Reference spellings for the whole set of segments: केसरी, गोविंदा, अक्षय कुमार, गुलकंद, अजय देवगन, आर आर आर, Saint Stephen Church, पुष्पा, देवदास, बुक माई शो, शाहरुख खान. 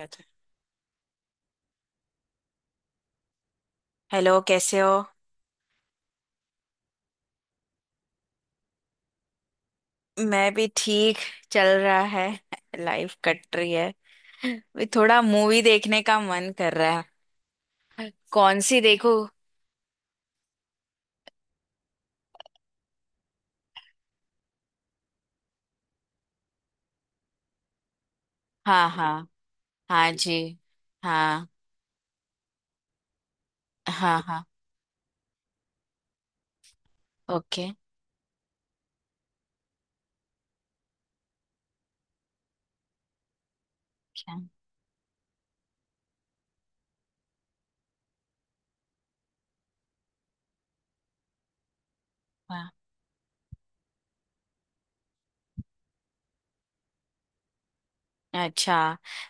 अच्छा। हेलो कैसे हो? मैं भी ठीक। चल रहा है। लाइफ कट रही है। भी थोड़ा मूवी देखने का मन कर रहा है। कौन सी देखो? हाँ, हाँ। हाँ जी। हाँ, हाँ। हाँ। ओके। हाँ। अच्छा।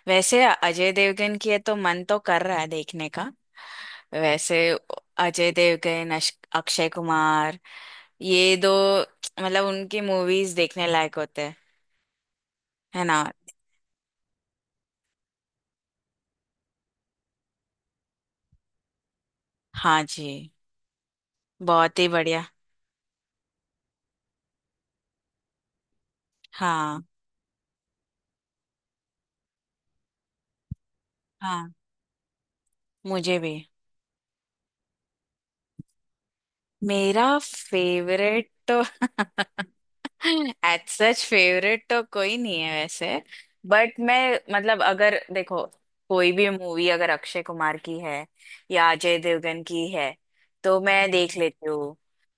वैसे अजय देवगन की है तो मन तो कर रहा है देखने का। वैसे अजय देवगन अक्षय कुमार, ये दो मतलब उनकी मूवीज देखने लायक होते हैं, है ना? हाँ जी। बहुत ही बढ़िया। हाँ, हाँ। मुझे भी। मेरा फेवरेट तो एज सच फेवरेट तो कोई नहीं है वैसे। बट मैं मतलब अगर देखो, कोई भी मूवी अगर अक्षय कुमार की है या अजय देवगन की है तो मैं देख लेती हूँ।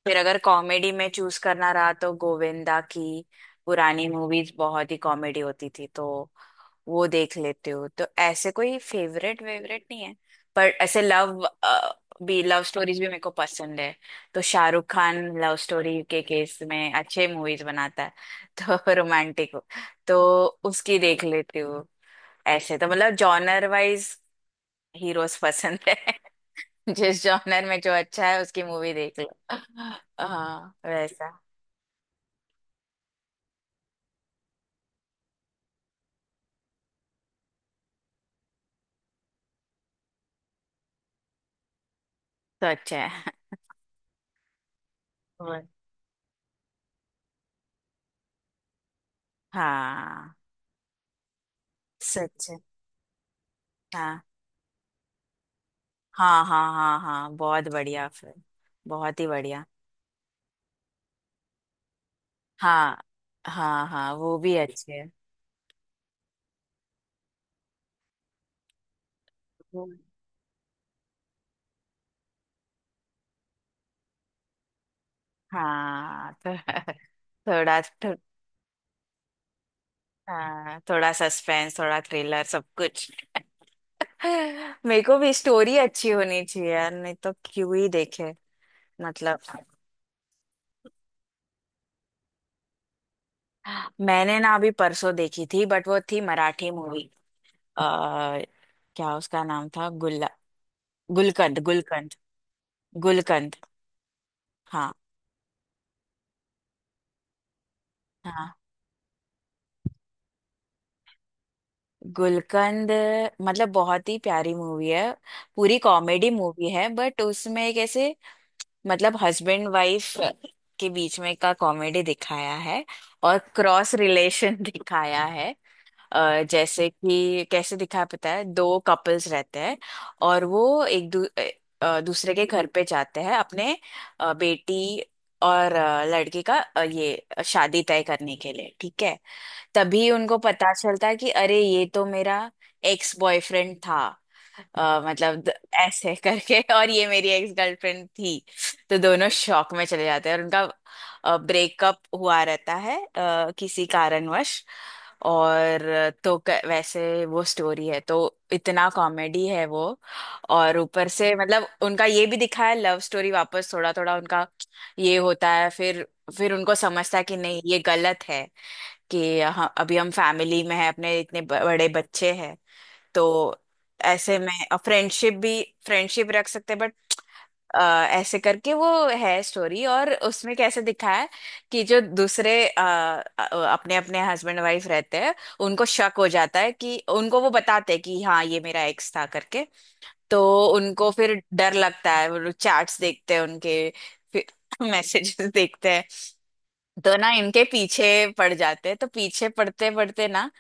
फिर अगर कॉमेडी में चूज करना रहा तो गोविंदा की पुरानी मूवीज बहुत ही कॉमेडी होती थी तो वो देख लेती हूँ। तो ऐसे कोई फेवरेट वेवरेट नहीं है। पर ऐसे लव भी, लव स्टोरीज भी मेरे को पसंद है, तो शाहरुख खान लव स्टोरी के केस में अच्छे मूवीज बनाता है। तो रोमांटिक हो तो उसकी देख लेती हूँ। ऐसे तो मतलब जॉनर वाइज हीरोज पसंद है। जिस जॉनर में जो अच्छा है उसकी मूवी देख लो। हाँ, वैसा। तो अच्छा है। और हाँ। सच है। हाँ, हाँ, हाँ, हाँ, हाँ, बहुत बढ़िया फिल्म, बहुत ही बढ़िया। हाँ, हाँ, हाँ, वो भी अच्छे है। और हाँ तो थोड़ा। हाँ, थोड़ा सस्पेंस, थोड़ा थ्रिलर, सब कुछ मेरे को भी स्टोरी अच्छी होनी चाहिए यार, नहीं तो क्यों ही देखे मतलब। मैंने ना अभी परसों देखी थी, बट वो थी मराठी मूवी। आ क्या उसका नाम था, गुल्ला गुलकंद, गुलकंद। गुलकंद। हाँ हाँ। गुलकंद मतलब बहुत ही प्यारी मूवी है। पूरी कॉमेडी मूवी है, बट उसमें एक ऐसे मतलब हस्बैंड वाइफ के बीच में का कॉमेडी दिखाया है और क्रॉस रिलेशन दिखाया है। जैसे कि कैसे दिखाया, पता है, दो कपल्स रहते हैं और वो एक दूसरे के घर पे जाते हैं अपने बेटी और लड़के का ये शादी तय करने के लिए, ठीक है? तभी उनको पता चलता कि अरे ये तो मेरा एक्स बॉयफ्रेंड था। अ, मतलब द- ऐसे करके, और ये मेरी एक्स गर्लफ्रेंड थी। तो दोनों शॉक में चले जाते हैं, और उनका ब्रेकअप हुआ रहता है किसी कारणवश। और वैसे वो स्टोरी है तो इतना कॉमेडी है वो। और ऊपर से मतलब उनका ये भी दिखाया, लव स्टोरी वापस थोड़ा थोड़ा उनका ये होता है फिर। फिर उनको समझता है कि नहीं, ये गलत है, कि हाँ अभी हम फैमिली में है, अपने इतने बड़े बच्चे हैं, तो ऐसे में फ्रेंडशिप भी फ्रेंडशिप रख सकते हैं बट, ऐसे करके वो है स्टोरी। और उसमें कैसे दिखाया है कि जो दूसरे अपने अपने हस्बैंड वाइफ रहते हैं उनको शक हो जाता है, कि उनको वो बताते हैं कि हाँ ये मेरा एक्स था करके। तो उनको फिर डर लगता है, वो चैट्स देखते हैं उनके, फिर मैसेजेस देखते हैं। तो ना इनके पीछे पड़ जाते हैं, तो पीछे पड़ते पड़ते ना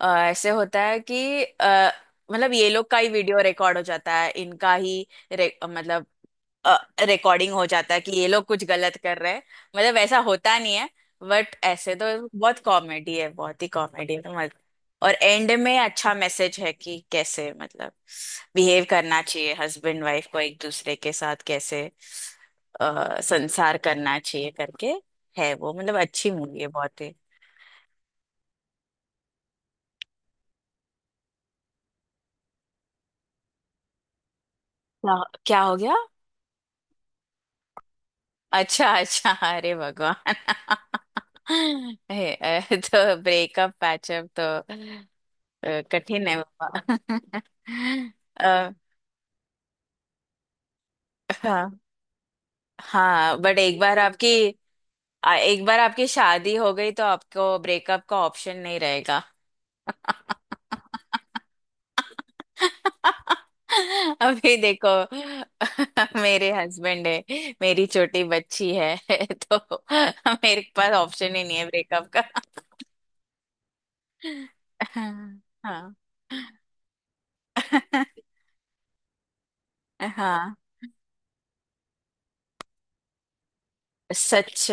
ऐसे होता है कि मतलब ये लोग का ही वीडियो रिकॉर्ड हो जाता है, इनका ही मतलब रिकॉर्डिंग हो जाता है कि ये लोग कुछ गलत कर रहे हैं। मतलब वैसा होता नहीं है, बट ऐसे तो बहुत कॉमेडी है, बहुत ही कॉमेडी है तो और एंड में अच्छा मैसेज है कि कैसे मतलब बिहेव करना चाहिए हस्बैंड वाइफ को एक दूसरे के साथ, कैसे संसार करना चाहिए करके। है वो, मतलब अच्छी मूवी है बहुत ही। क्या? क्या हो गया? अच्छा, अच्छा, अरे भगवान हे, तो ब्रेकअप पैचअप तो कठिन है बाबा अ, हाँ, हाँ, बट एक बार आपकी, एक बार आपकी शादी हो गई तो आपको ब्रेकअप का ऑप्शन नहीं रहेगा। अभी देखो मेरे हस्बैंड है, मेरी छोटी बच्ची है तो मेरे पास ऑप्शन ही नहीं है ब्रेकअप का हाँ, हाँ। हाँ। सच।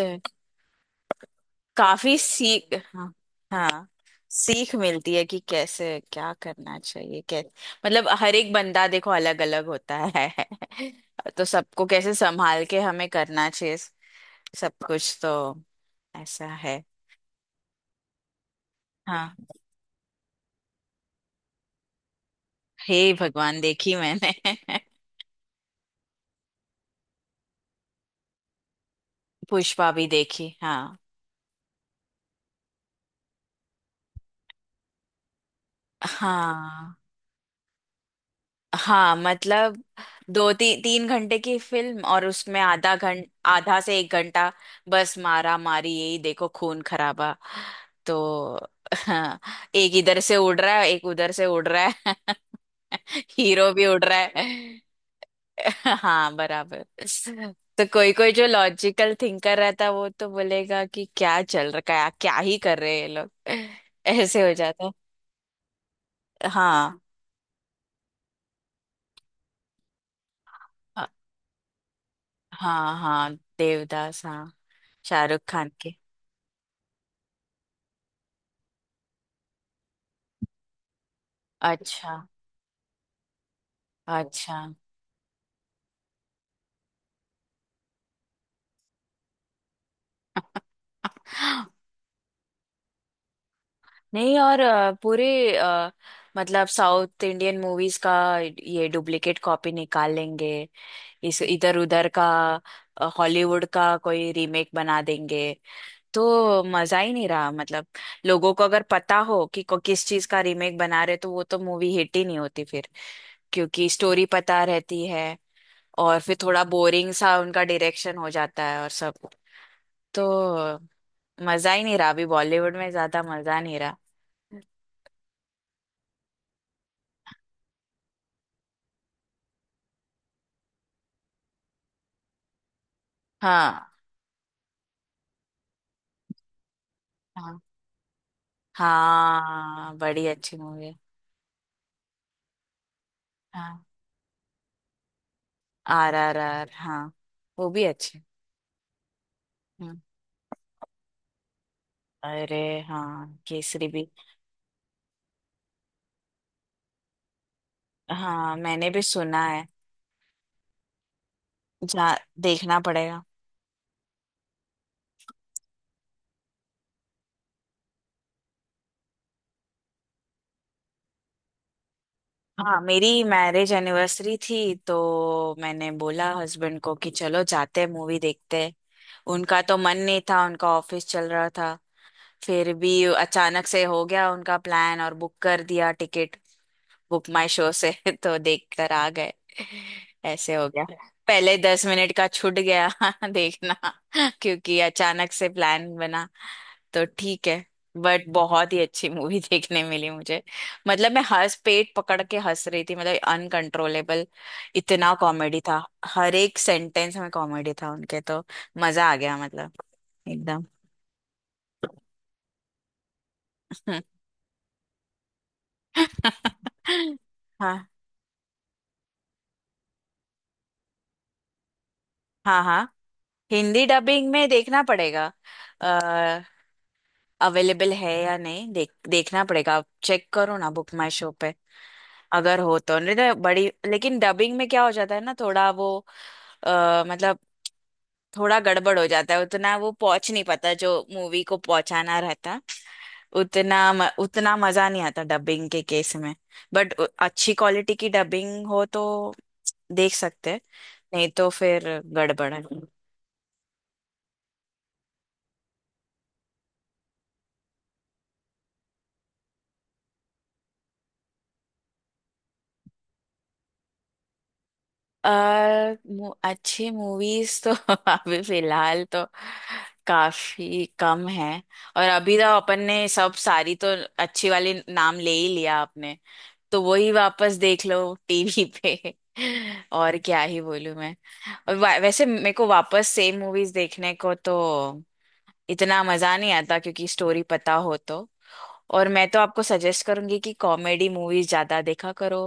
काफी सीख, हाँ, हाँ। सीख मिलती है कि कैसे क्या करना चाहिए, कैसे मतलब हर एक बंदा देखो अलग अलग होता है तो सबको कैसे संभाल के हमें करना चाहिए सब कुछ, तो ऐसा है। हाँ। हे भगवान, देखी मैंने। पुष्पा भी देखी, हाँ। हाँ, हाँ मतलब दो तीन घंटे की फिल्म और उसमें आधा से एक घंटा बस मारा मारी, यही देखो, खून खराबा तो हाँ। एक इधर से उड़ रहा है, एक उधर से उड़ रहा है हीरो भी उड़ रहा है हाँ, बराबर। तो कोई कोई जो लॉजिकल थिंकर रहता है वो तो बोलेगा कि क्या चल रखा है, क्या ही कर रहे हैं ये लोग ऐसे हो जाता है। हाँ, हाँ, हाँ, देवदास, हाँ, शाहरुख खान के। अच्छा, अच्छा। नहीं, और पूरे अ, मतलब साउथ इंडियन मूवीज का ये डुप्लीकेट कॉपी निकाल लेंगे, इस इधर उधर का हॉलीवुड का कोई रीमेक बना देंगे। तो मजा ही नहीं रहा मतलब, लोगों को अगर पता हो कि को किस चीज का रीमेक बना रहे तो वो तो मूवी हिट ही नहीं होती फिर, क्योंकि स्टोरी पता रहती है, और फिर थोड़ा बोरिंग सा उनका डायरेक्शन हो जाता है और सब। तो मजा ही नहीं रहा, अभी बॉलीवुड में ज्यादा मजा नहीं रहा। हाँ, हाँ, हाँ, बड़ी अच्छी मूवी है। हाँ, आर आर आर, हाँ वो भी अच्छी। हम्म। अरे हाँ, केसरी भी। हाँ, मैंने भी सुना है। जा देखना पड़ेगा। हाँ, मेरी मैरिज एनिवर्सरी थी तो मैंने बोला हस्बैंड को कि चलो जाते हैं मूवी देखते हैं। उनका तो मन नहीं था, उनका ऑफिस चल रहा था, फिर भी अचानक से हो गया उनका प्लान और बुक कर दिया टिकट, बुक माई शो से तो देख कर आ गए, ऐसे हो गया पहले 10 मिनट का छूट गया देखना, क्योंकि अचानक से प्लान बना, तो ठीक है। बट बहुत ही अच्छी मूवी देखने मिली मुझे, मतलब मैं हंस, पेट पकड़ के हंस रही थी, मतलब अनकंट्रोलेबल, इतना कॉमेडी था। हर एक सेंटेंस में कॉमेडी था उनके, तो मजा आ गया मतलब एकदम हाँ, हाँ, हाँ, हिंदी डबिंग में देखना पड़ेगा, अवेलेबल है या नहीं देखना पड़ेगा, आप चेक करो ना बुक माई शो पे, अगर हो तो, नहीं तो बड़ी, लेकिन डबिंग में क्या हो जाता है ना, थोड़ा वो मतलब थोड़ा गड़बड़ हो जाता है, उतना वो पहुंच नहीं पाता जो मूवी को पहुंचाना रहता, उतना उतना मजा नहीं आता डबिंग के केस में। बट अच्छी क्वालिटी की डबिंग हो तो देख सकते हैं, नहीं तो फिर गड़बड़ है। अच्छी मूवीज तो अभी फिलहाल तो काफी कम है, और अभी तो अपन ने सब सारी तो अच्छी वाली नाम ले ही लिया आपने, तो वही वापस देख लो टीवी पे और क्या ही बोलूं मैं। और वैसे मेरे को वापस सेम मूवीज देखने को तो इतना मजा नहीं आता क्योंकि स्टोरी पता हो तो। और मैं तो आपको सजेस्ट करूंगी कि कॉमेडी मूवीज ज्यादा देखा करो,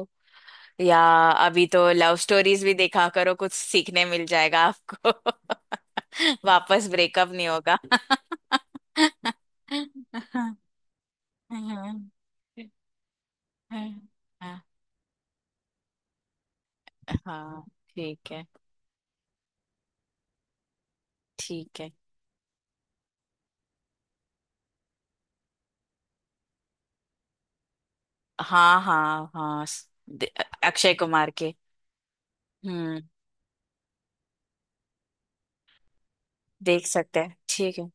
या अभी तो लव स्टोरीज भी देखा करो, कुछ सीखने मिल जाएगा आपको वापस ब्रेकअप नहीं होगा हाँ, ठीक है, ठीक है। हाँ, हाँ, हाँ, अक्षय कुमार के। हम्म। देख सकते हैं, ठीक है,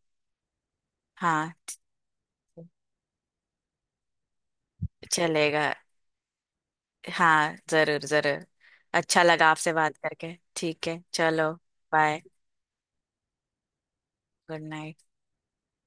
हाँ। चलेगा। हाँ, जरूर, जरूर। अच्छा लगा आपसे बात करके, ठीक है, चलो, बाय। Good night.